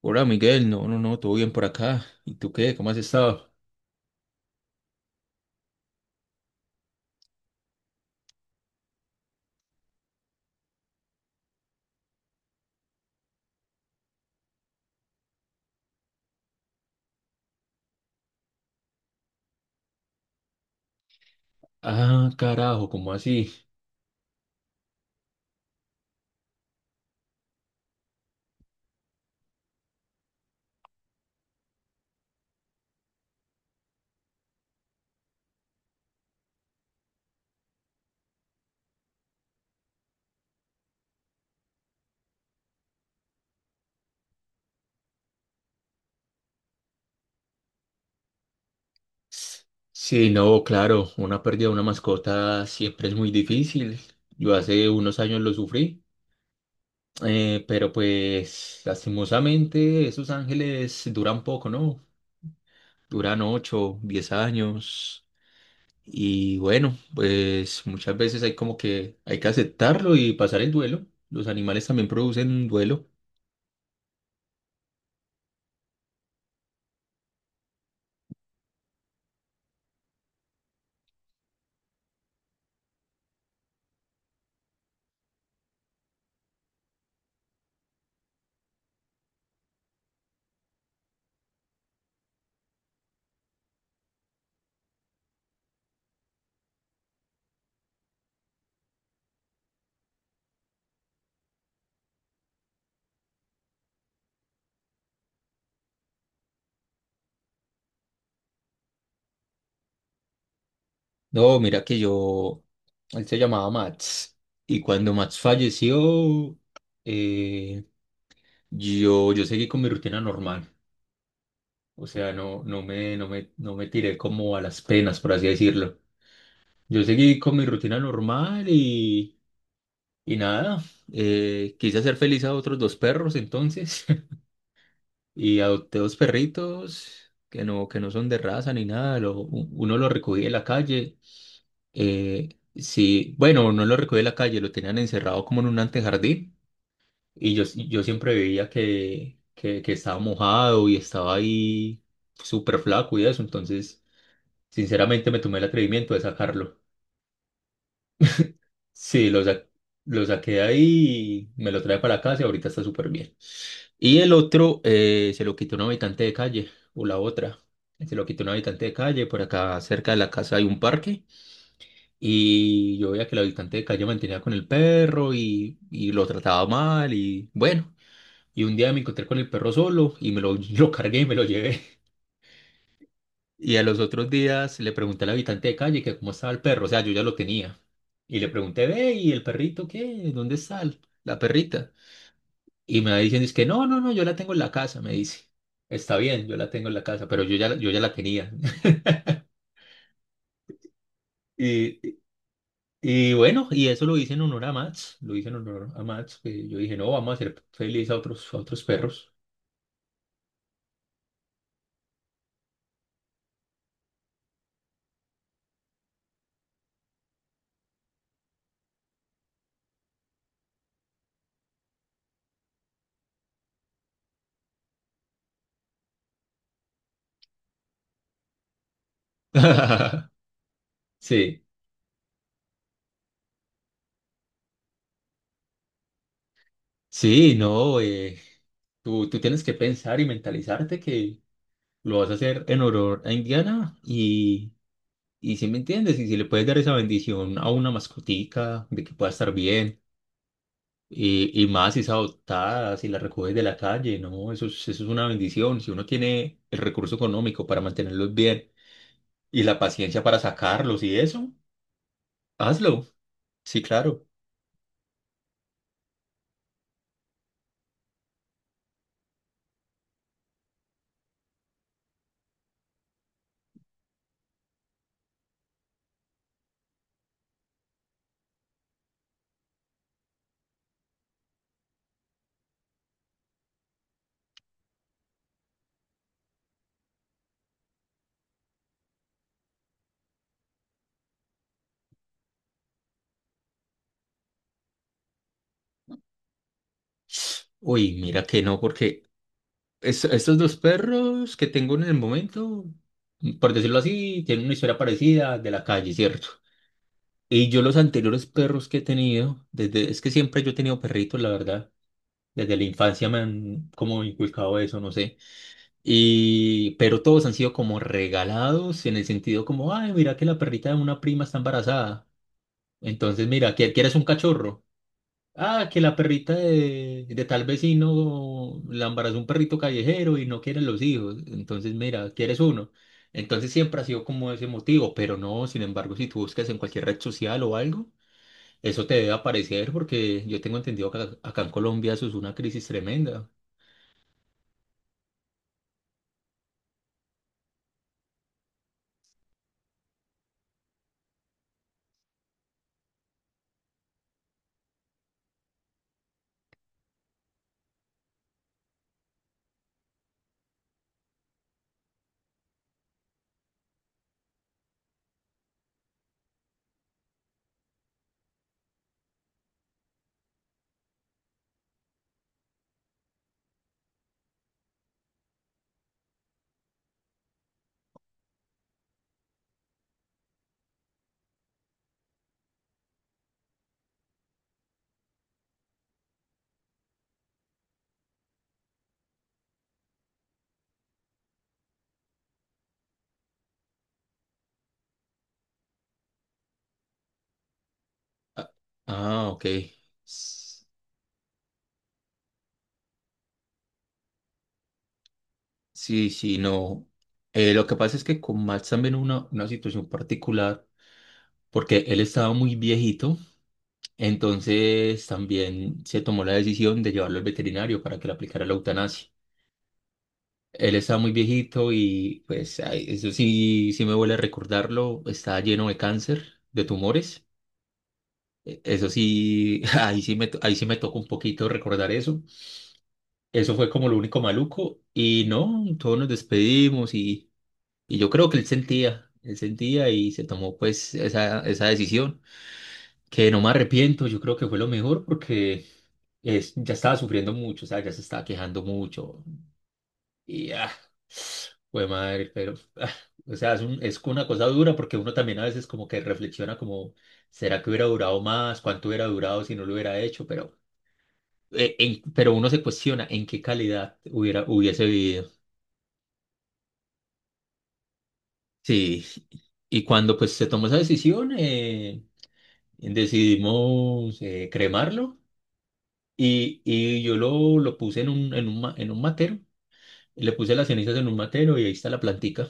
Hola Miguel, no, no, no, todo bien por acá. ¿Y tú qué? ¿Cómo has estado? Ah, carajo, ¿cómo así? Sí, no, claro, una pérdida de una mascota siempre es muy difícil. Yo hace unos años lo sufrí, pero pues lastimosamente esos ángeles duran poco, ¿no? Duran 8, 10 años. Y bueno, pues muchas veces hay como que hay que aceptarlo y pasar el duelo. Los animales también producen duelo. No, mira que yo, él se llamaba Mats y cuando Mats falleció, eh, yo seguí con mi rutina normal. O sea, no me tiré como a las penas, por así decirlo. Yo seguí con mi rutina normal y nada, quise hacer feliz a otros 2 perros entonces y adopté 2 perritos que no son de raza ni nada. Uno lo recogí de la calle. Eh, sí, bueno, no lo recogí de la calle, lo tenían encerrado como en un antejardín y yo siempre veía que estaba mojado y estaba ahí súper flaco y eso, entonces sinceramente me tomé el atrevimiento de sacarlo. Sí, lo saqué de ahí y me lo trae para la casa y ahorita está súper bien. Y el otro se lo quitó un habitante de calle o la otra, se lo quitó un habitante de calle, por acá cerca de la casa hay un parque. Y yo veía que el habitante de calle mantenía con el perro y lo trataba mal y bueno, y un día me encontré con el perro solo y lo cargué y me lo llevé. Y a los otros días le pregunté al habitante de calle que cómo estaba el perro, o sea, yo ya lo tenía. Y le pregunté, ve, ¿y el perrito qué? ¿Dónde está la perrita? Y me va diciendo, es que no, no, no, yo la tengo en la casa, me dice. Está bien, yo la tengo en la casa, pero yo ya, yo ya la tenía. Y, y bueno, y eso lo hice en honor a Mats, lo hice en honor a Mats, que yo dije, no, vamos a hacer feliz a otros perros. Sí, sí, no, tú tienes que pensar y mentalizarte que lo vas a hacer en honor a Indiana y si me entiendes, y si le puedes dar esa bendición a una mascotica de que pueda estar bien y más si es adoptada, si la recoges de la calle, no, eso es una bendición, si uno tiene el recurso económico para mantenerlos bien y la paciencia para sacarlos y eso, hazlo. Sí, claro. Uy, mira que no, porque estos 2 perros que tengo en el momento, por decirlo así, tienen una historia parecida de la calle, ¿cierto? Y yo los anteriores perros que he tenido, desde, es que siempre yo he tenido perritos, la verdad. Desde la infancia me han como inculcado eso, no sé. Y, pero todos han sido como regalados en el sentido como, ay, mira que la perrita de una prima está embarazada. Entonces, mira, ¿quieres un cachorro? Ah, que la perrita de tal vecino la embarazó un perrito callejero y no quieren los hijos. Entonces, mira, quieres uno. Entonces siempre ha sido como ese motivo, pero no, sin embargo, si tú buscas en cualquier red social o algo, eso te debe aparecer porque yo tengo entendido que acá en Colombia eso es una crisis tremenda. Ah, ah, ok. S- Sí, sí, no. Lo que pasa es que con Max también una situación particular, porque él estaba muy viejito. Entonces también se tomó la decisión de llevarlo al veterinario para que le aplicara la eutanasia. Él estaba muy viejito y pues ay, eso sí, sí me huele a recordarlo, estaba lleno de cáncer, de tumores. Eso sí, ahí sí me tocó un poquito recordar eso. Eso fue como lo único maluco y no, todos nos despedimos y yo creo que él sentía y se tomó pues esa decisión. Que no me arrepiento, yo creo que fue lo mejor porque ya estaba sufriendo mucho, o sea, ya se estaba quejando mucho. Y ah, fue madre, pero ah, o sea, es una cosa dura porque uno también a veces como que reflexiona como, ¿será que hubiera durado más? ¿Cuánto hubiera durado si no lo hubiera hecho? Pero, pero uno se cuestiona en qué calidad hubiese vivido. Sí, y cuando pues se tomó esa decisión, decidimos cremarlo. Y, lo puse en un, en un, en un matero, le puse las cenizas en un matero y ahí está la plantica.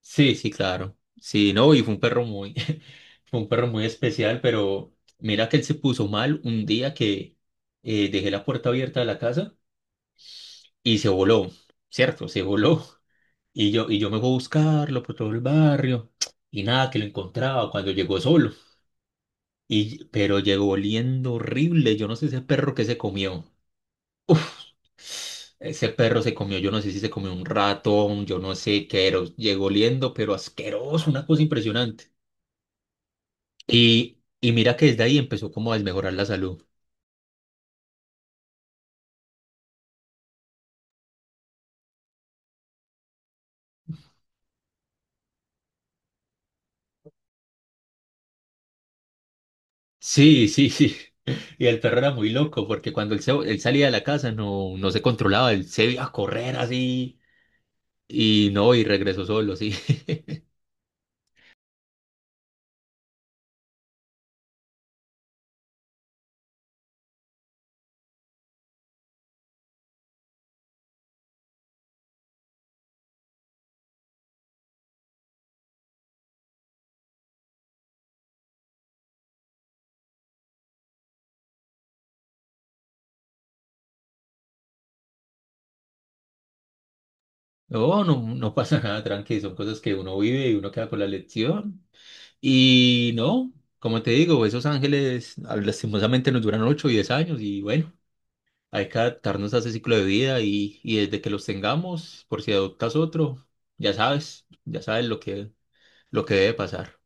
Sí, sí, claro. Sí, no, y fue un perro muy, fue un perro muy especial, pero mira que él se puso mal un día que dejé la puerta abierta de la casa y se voló, ¿cierto? Se voló. Y yo me fui a buscarlo por todo el barrio y nada, que lo encontraba cuando llegó solo. Y, pero llegó oliendo horrible, yo no sé ese perro que se comió. Ese perro se comió, yo no sé si se comió un ratón, yo no sé qué era, llegó oliendo, pero asqueroso, una cosa impresionante. Y mira que desde ahí empezó como a desmejorar la salud. Sí, sí, sí. Y el perro era muy loco porque cuando él, él salía de la casa no, no se controlaba, él se iba a correr así y no, y regresó solo, sí. No, no, no pasa nada, tranqui, son cosas que uno vive y uno queda con la lección. Y no, como te digo, esos ángeles ah, lastimosamente nos duran 8 o 10 años y bueno, hay que adaptarnos a ese ciclo de vida y desde que los tengamos, por si adoptas otro, ya sabes lo que debe pasar.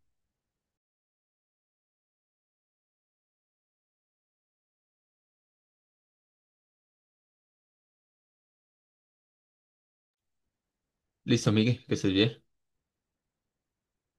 Listo, Miguel, que estés bien.